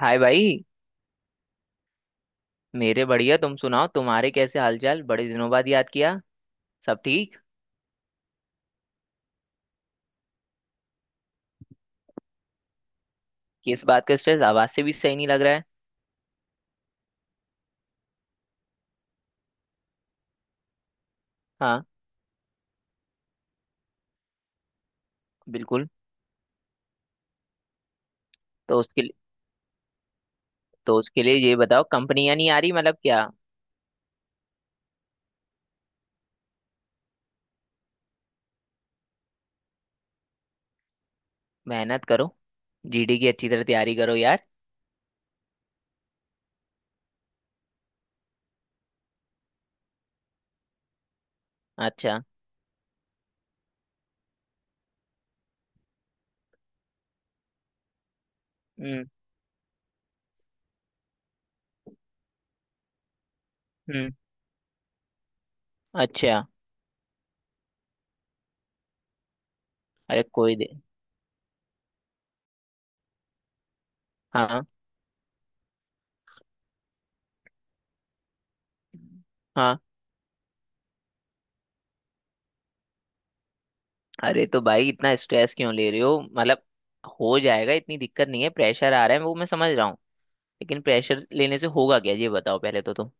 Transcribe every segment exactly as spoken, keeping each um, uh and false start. हाय भाई। मेरे बढ़िया, तुम सुनाओ, तुम्हारे कैसे हालचाल? बड़े दिनों बाद याद किया। सब ठीक? किस बात का स्ट्रेस? आवाज से भी सही नहीं लग रहा है। हाँ, बिल्कुल। तो उसके लिए तो उसके लिए ये बताओ, कंपनियां नहीं आ रही मतलब क्या? मेहनत करो, जी डी की अच्छी तरह तैयारी करो यार। अच्छा। हम्म हम्म अच्छा। अरे कोई दे। हाँ हाँ अरे तो भाई इतना स्ट्रेस क्यों ले रहे हो मतलब? हो जाएगा, इतनी दिक्कत नहीं है। प्रेशर आ रहा है वो मैं समझ रहा हूँ, लेकिन प्रेशर लेने से होगा क्या, ये बताओ पहले तो तुम।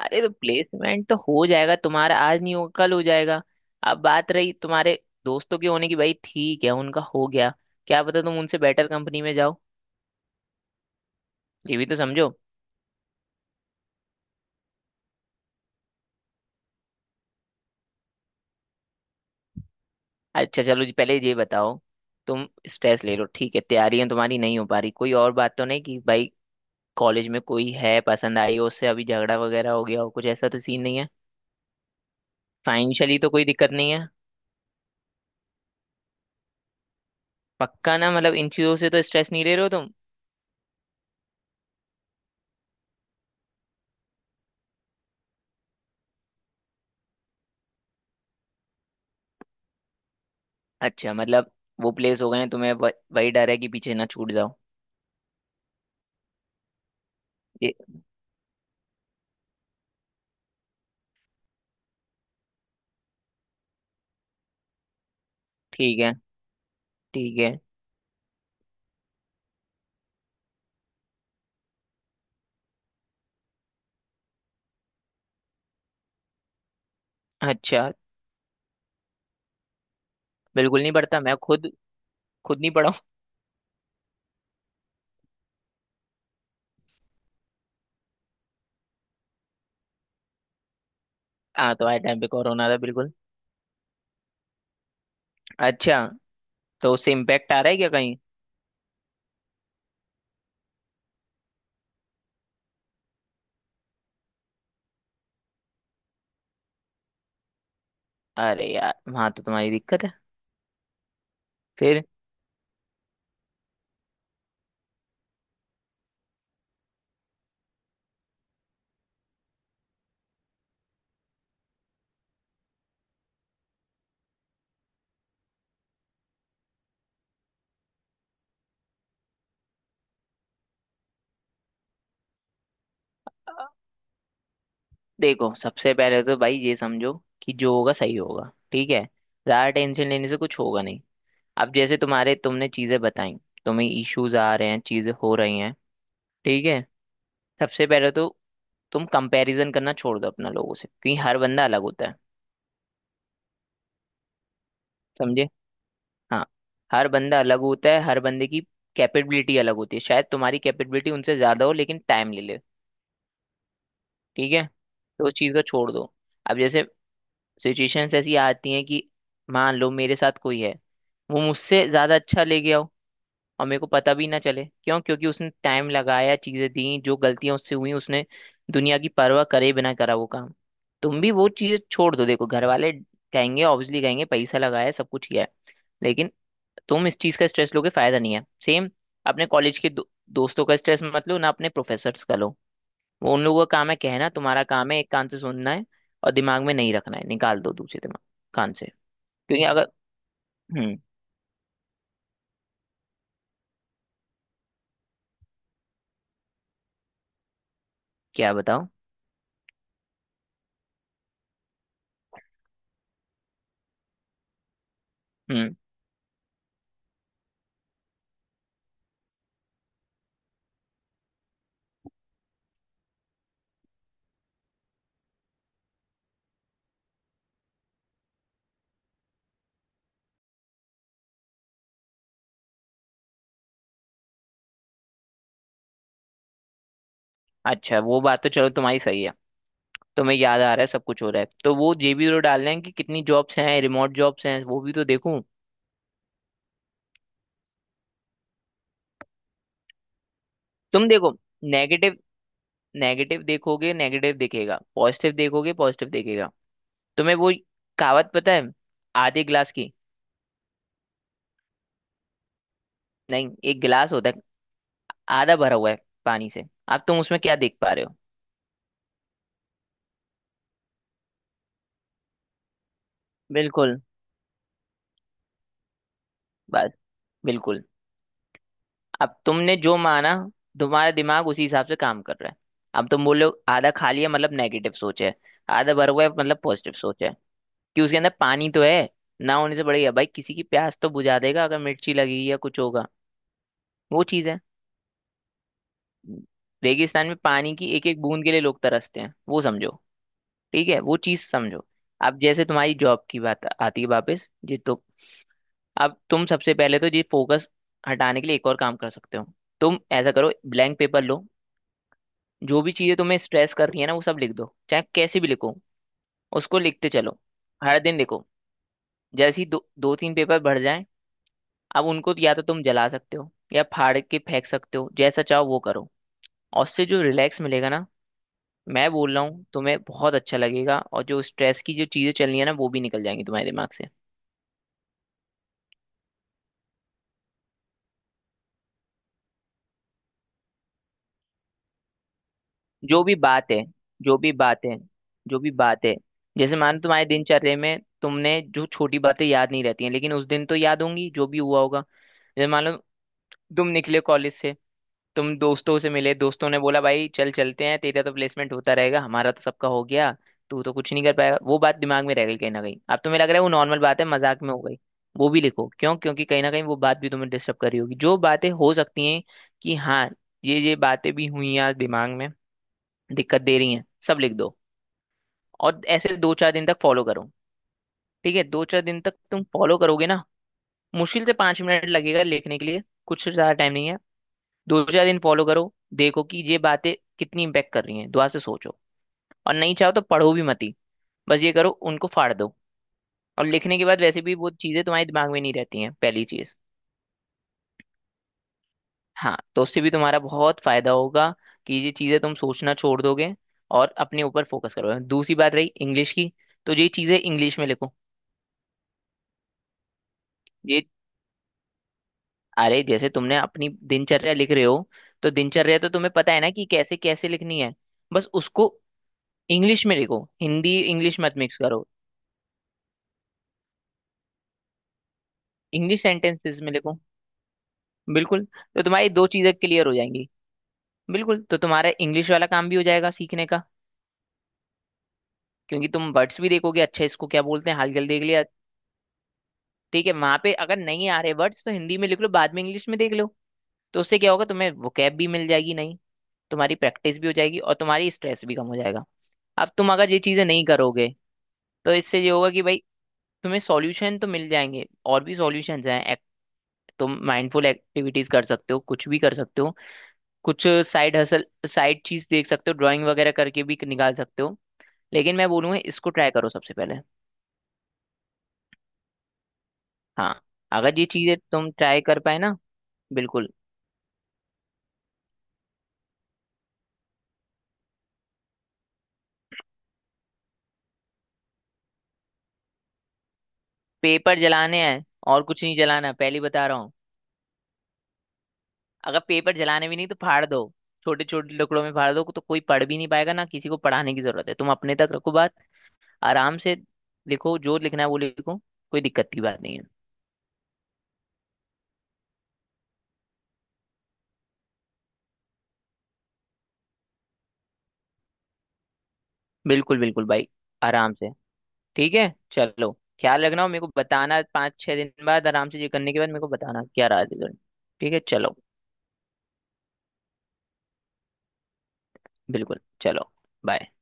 अरे तो प्लेसमेंट तो हो जाएगा तुम्हारा, आज नहीं होगा कल हो जाएगा। अब बात रही तुम्हारे दोस्तों के होने की, भाई ठीक है, उनका हो गया, क्या पता तुम उनसे बेटर कंपनी में जाओ, ये भी तो समझो। अच्छा चलो जी, पहले ये बताओ, तुम स्ट्रेस ले लो ठीक है, तैयारियां तुम्हारी नहीं हो पा रही, कोई और बात तो नहीं कि भाई कॉलेज में कोई है पसंद आई हो, उससे अभी झगड़ा वगैरह हो गया हो, कुछ ऐसा तो सीन नहीं है? फाइनेंशियली तो कोई दिक्कत नहीं है? पक्का ना, मतलब इन चीजों से तो स्ट्रेस नहीं ले रहे हो तुम? अच्छा मतलब वो प्लेस हो गए हैं, तुम्हें वह- वही डर है कि पीछे ना छूट जाओ। ठीक है। ठीक है। अच्छा। बिल्कुल नहीं पढ़ता, मैं खुद खुद नहीं पढ़ा हूँ। हाँ, तो आए टाइम पे कोरोना था बिल्कुल। अच्छा, तो उससे इम्पैक्ट आ रहा है क्या कहीं? अरे यार, वहां तो तुम्हारी दिक्कत है। फिर अ, देखो सबसे पहले तो भाई ये समझो कि जो होगा सही होगा, ठीक है? ज्यादा टेंशन लेने से कुछ होगा नहीं। अब जैसे तुम्हारे तुमने चीजें बताई, तुम्हें इश्यूज आ रहे हैं, चीजें हो रही हैं ठीक है। सबसे पहले तो तुम कंपैरिजन करना छोड़ दो अपना लोगों से, क्योंकि हर बंदा अलग होता है। समझे? हाँ, हर बंदा अलग होता है, हर बंदे की कैपेबिलिटी अलग होती है। शायद तुम्हारी कैपेबिलिटी उनसे ज्यादा हो लेकिन टाइम ले ले, ठीक है? तो उस चीज को छोड़ दो। अब जैसे सिचुएशंस ऐसी आती हैं कि मान लो मेरे साथ कोई है, वो मुझसे ज्यादा अच्छा ले गया हो और मेरे को पता भी ना चले क्यों, क्योंकि उसने टाइम लगाया, चीजें दी, जो गलतियां उससे हुई, उसने दुनिया की परवाह करे बिना करा वो काम। तुम भी वो चीज छोड़ दो। देखो घर वाले कहेंगे, ऑब्वियसली कहेंगे, पैसा लगाया है, सब कुछ किया है, लेकिन तुम इस चीज का स्ट्रेस लोगे फायदा नहीं है। सेम अपने कॉलेज के दो, दोस्तों का स्ट्रेस मत लो ना, अपने प्रोफेसर्स का लो। वो उन लोगों का काम है कहना, तुम्हारा काम है एक कान से सुनना है और दिमाग में नहीं रखना है, निकाल दो दूसरे दिमाग कान से। क्योंकि अगर हम्म क्या बताओ हम्म। अच्छा, वो बात तो चलो तुम्हारी सही है। तुम्हें याद आ रहा है, सब कुछ हो रहा है, तो वो ये भी तो डालना है कि कितनी जॉब्स हैं, रिमोट जॉब्स हैं, वो भी तो देखूं। तुम देखो, नेगेटिव नेगेटिव देखोगे नेगेटिव दिखेगा, पॉजिटिव देखोगे पॉजिटिव दिखेगा। तुम्हें वो कहावत पता है, आधे गिलास की? नहीं, एक गिलास होता है आधा भरा हुआ है पानी से, अब तुम उसमें क्या देख पा रहे हो? बिल्कुल, बस, बिल्कुल। अब तुमने जो माना, तुम्हारा दिमाग उसी हिसाब से काम कर रहा है। अब तुम बोलो आधा खाली है मतलब नेगेटिव सोच है, आधा भरा हुआ है मतलब पॉजिटिव सोच है कि उसके अंदर पानी तो है, ना होने से बढ़िया। भाई किसी की प्यास तो बुझा देगा अगर मिर्ची लगेगी या कुछ होगा, वो चीज़ है। रेगिस्तान में पानी की एक एक बूंद के लिए लोग तरसते हैं, वो समझो। ठीक है, वो चीज़ समझो। अब जैसे तुम्हारी जॉब की बात आती है वापस जी, तो अब तुम सबसे पहले तो ये फोकस हटाने के लिए एक और काम कर सकते हो। तुम ऐसा करो, ब्लैंक पेपर लो, जो भी चीजें तुम्हें स्ट्रेस कर रही है ना वो सब लिख दो, चाहे कैसे भी लिखो, उसको लिखते चलो, हर दिन लिखो। जैसे ही दो दो तीन पेपर भर जाए, अब उनको या तो तुम जला सकते हो या फाड़ के फेंक सकते हो, जैसा चाहो वो करो। और उससे जो रिलैक्स मिलेगा ना, मैं बोल रहा हूँ तुम्हें बहुत अच्छा लगेगा, और जो स्ट्रेस की जो चीजें चल रही है ना वो भी निकल जाएंगी तुम्हारे दिमाग से। जो भी बात है जो भी बात है जो भी बात है जैसे मानो तुम्हारे दिनचर्या में तुमने जो छोटी बातें याद नहीं रहती हैं, लेकिन उस दिन तो याद होंगी जो भी हुआ होगा। जैसे मान लो तुम निकले कॉलेज से, तुम दोस्तों से मिले, दोस्तों ने बोला भाई चल चलते हैं, तेरा तो प्लेसमेंट होता रहेगा, हमारा तो सबका हो गया, तू तो कुछ नहीं कर पाएगा। वो बात दिमाग में रह गई कहीं ना कहीं, अब तुम्हें लग रहा है वो नॉर्मल बात है, मजाक में हो गई, वो भी लिखो। क्यों? क्योंकि कहीं ना कहीं वो बात भी तुम्हें डिस्टर्ब कर रही होगी। जो बातें हो सकती हैं कि हाँ, ये ये बातें भी हुई आज, दिमाग में दिक्कत दे रही हैं, सब लिख दो। और ऐसे दो चार दिन तक फॉलो करो, ठीक है? दो चार दिन तक तुम फॉलो करोगे ना, मुश्किल से पांच मिनट लगेगा लिखने के लिए, कुछ ज्यादा टाइम नहीं है। दो चार दिन फॉलो करो, देखो कि ये बातें कितनी इम्पेक्ट कर रही हैं, दुआ से सोचो। और नहीं चाहो तो पढ़ो भी मत ही, बस ये करो, उनको फाड़ दो। और लिखने के बाद वैसे भी वो चीज़ें तुम्हारे दिमाग में नहीं रहती हैं, पहली चीज़। हाँ, तो उससे भी तुम्हारा बहुत फायदा होगा कि ये चीज़ें तुम सोचना छोड़ दोगे और अपने ऊपर फोकस करोगे। दूसरी बात रही इंग्लिश की, तो ये चीज़ें इंग्लिश में लिखो। ये अरे जैसे तुमने अपनी दिनचर्या लिख रहे हो, तो दिनचर्या तो तुम्हें पता है ना कि कैसे कैसे लिखनी है, बस उसको इंग्लिश में लिखो, हिंदी इंग्लिश मत मिक्स करो। इंग्लिश सेंटेंसेस में लिखो, बिल्कुल। तो तुम्हारी दो चीजें क्लियर हो जाएंगी, बिल्कुल। तो तुम्हारा इंग्लिश वाला काम भी हो जाएगा सीखने का, क्योंकि तुम वर्ड्स भी देखोगे, अच्छा इसको क्या बोलते हैं, हलचल देख लिया। ठीक है, वहां पे अगर नहीं आ रहे वर्ड्स तो हिंदी में लिख लो, बाद में इंग्लिश में देख लो। तो उससे क्या होगा, तुम्हें वोकैब भी मिल जाएगी नहीं, तुम्हारी प्रैक्टिस भी हो जाएगी, और तुम्हारी स्ट्रेस भी कम हो जाएगा। अब तुम अगर ये चीजें नहीं करोगे तो इससे ये होगा कि भाई तुम्हें सॉल्यूशन तो मिल जाएंगे, और भी सॉल्यूशंस हैं। एक- तुम माइंडफुल एक्टिविटीज कर सकते हो, कुछ भी कर सकते हो, कुछ साइड हसल, साइड चीज देख सकते हो, ड्राइंग वगैरह करके भी निकाल सकते हो, लेकिन मैं बोलूंगा इसको ट्राई करो सबसे पहले। हाँ, अगर ये चीजें तुम ट्राई कर पाए ना, बिल्कुल। पेपर जलाने हैं और कुछ नहीं जलाना, पहले ही बता रहा हूँ। अगर पेपर जलाने भी नहीं तो फाड़ दो, छोटे छोटे टुकड़ों में फाड़ दो तो कोई पढ़ भी नहीं पाएगा ना, किसी को पढ़ाने की जरूरत है, तुम अपने तक रखो बात। आराम से लिखो, जो लिखना है वो लिखो, कोई दिक्कत की बात नहीं है। बिल्कुल बिल्कुल भाई, आराम से। ठीक है चलो, ख्याल रखना, और मेरे को बताना पाँच छह दिन बाद। आराम से ये करने के बाद मेरे को बताना क्या राय है, रिजल्ट। ठीक है चलो, बिल्कुल चलो, बाय।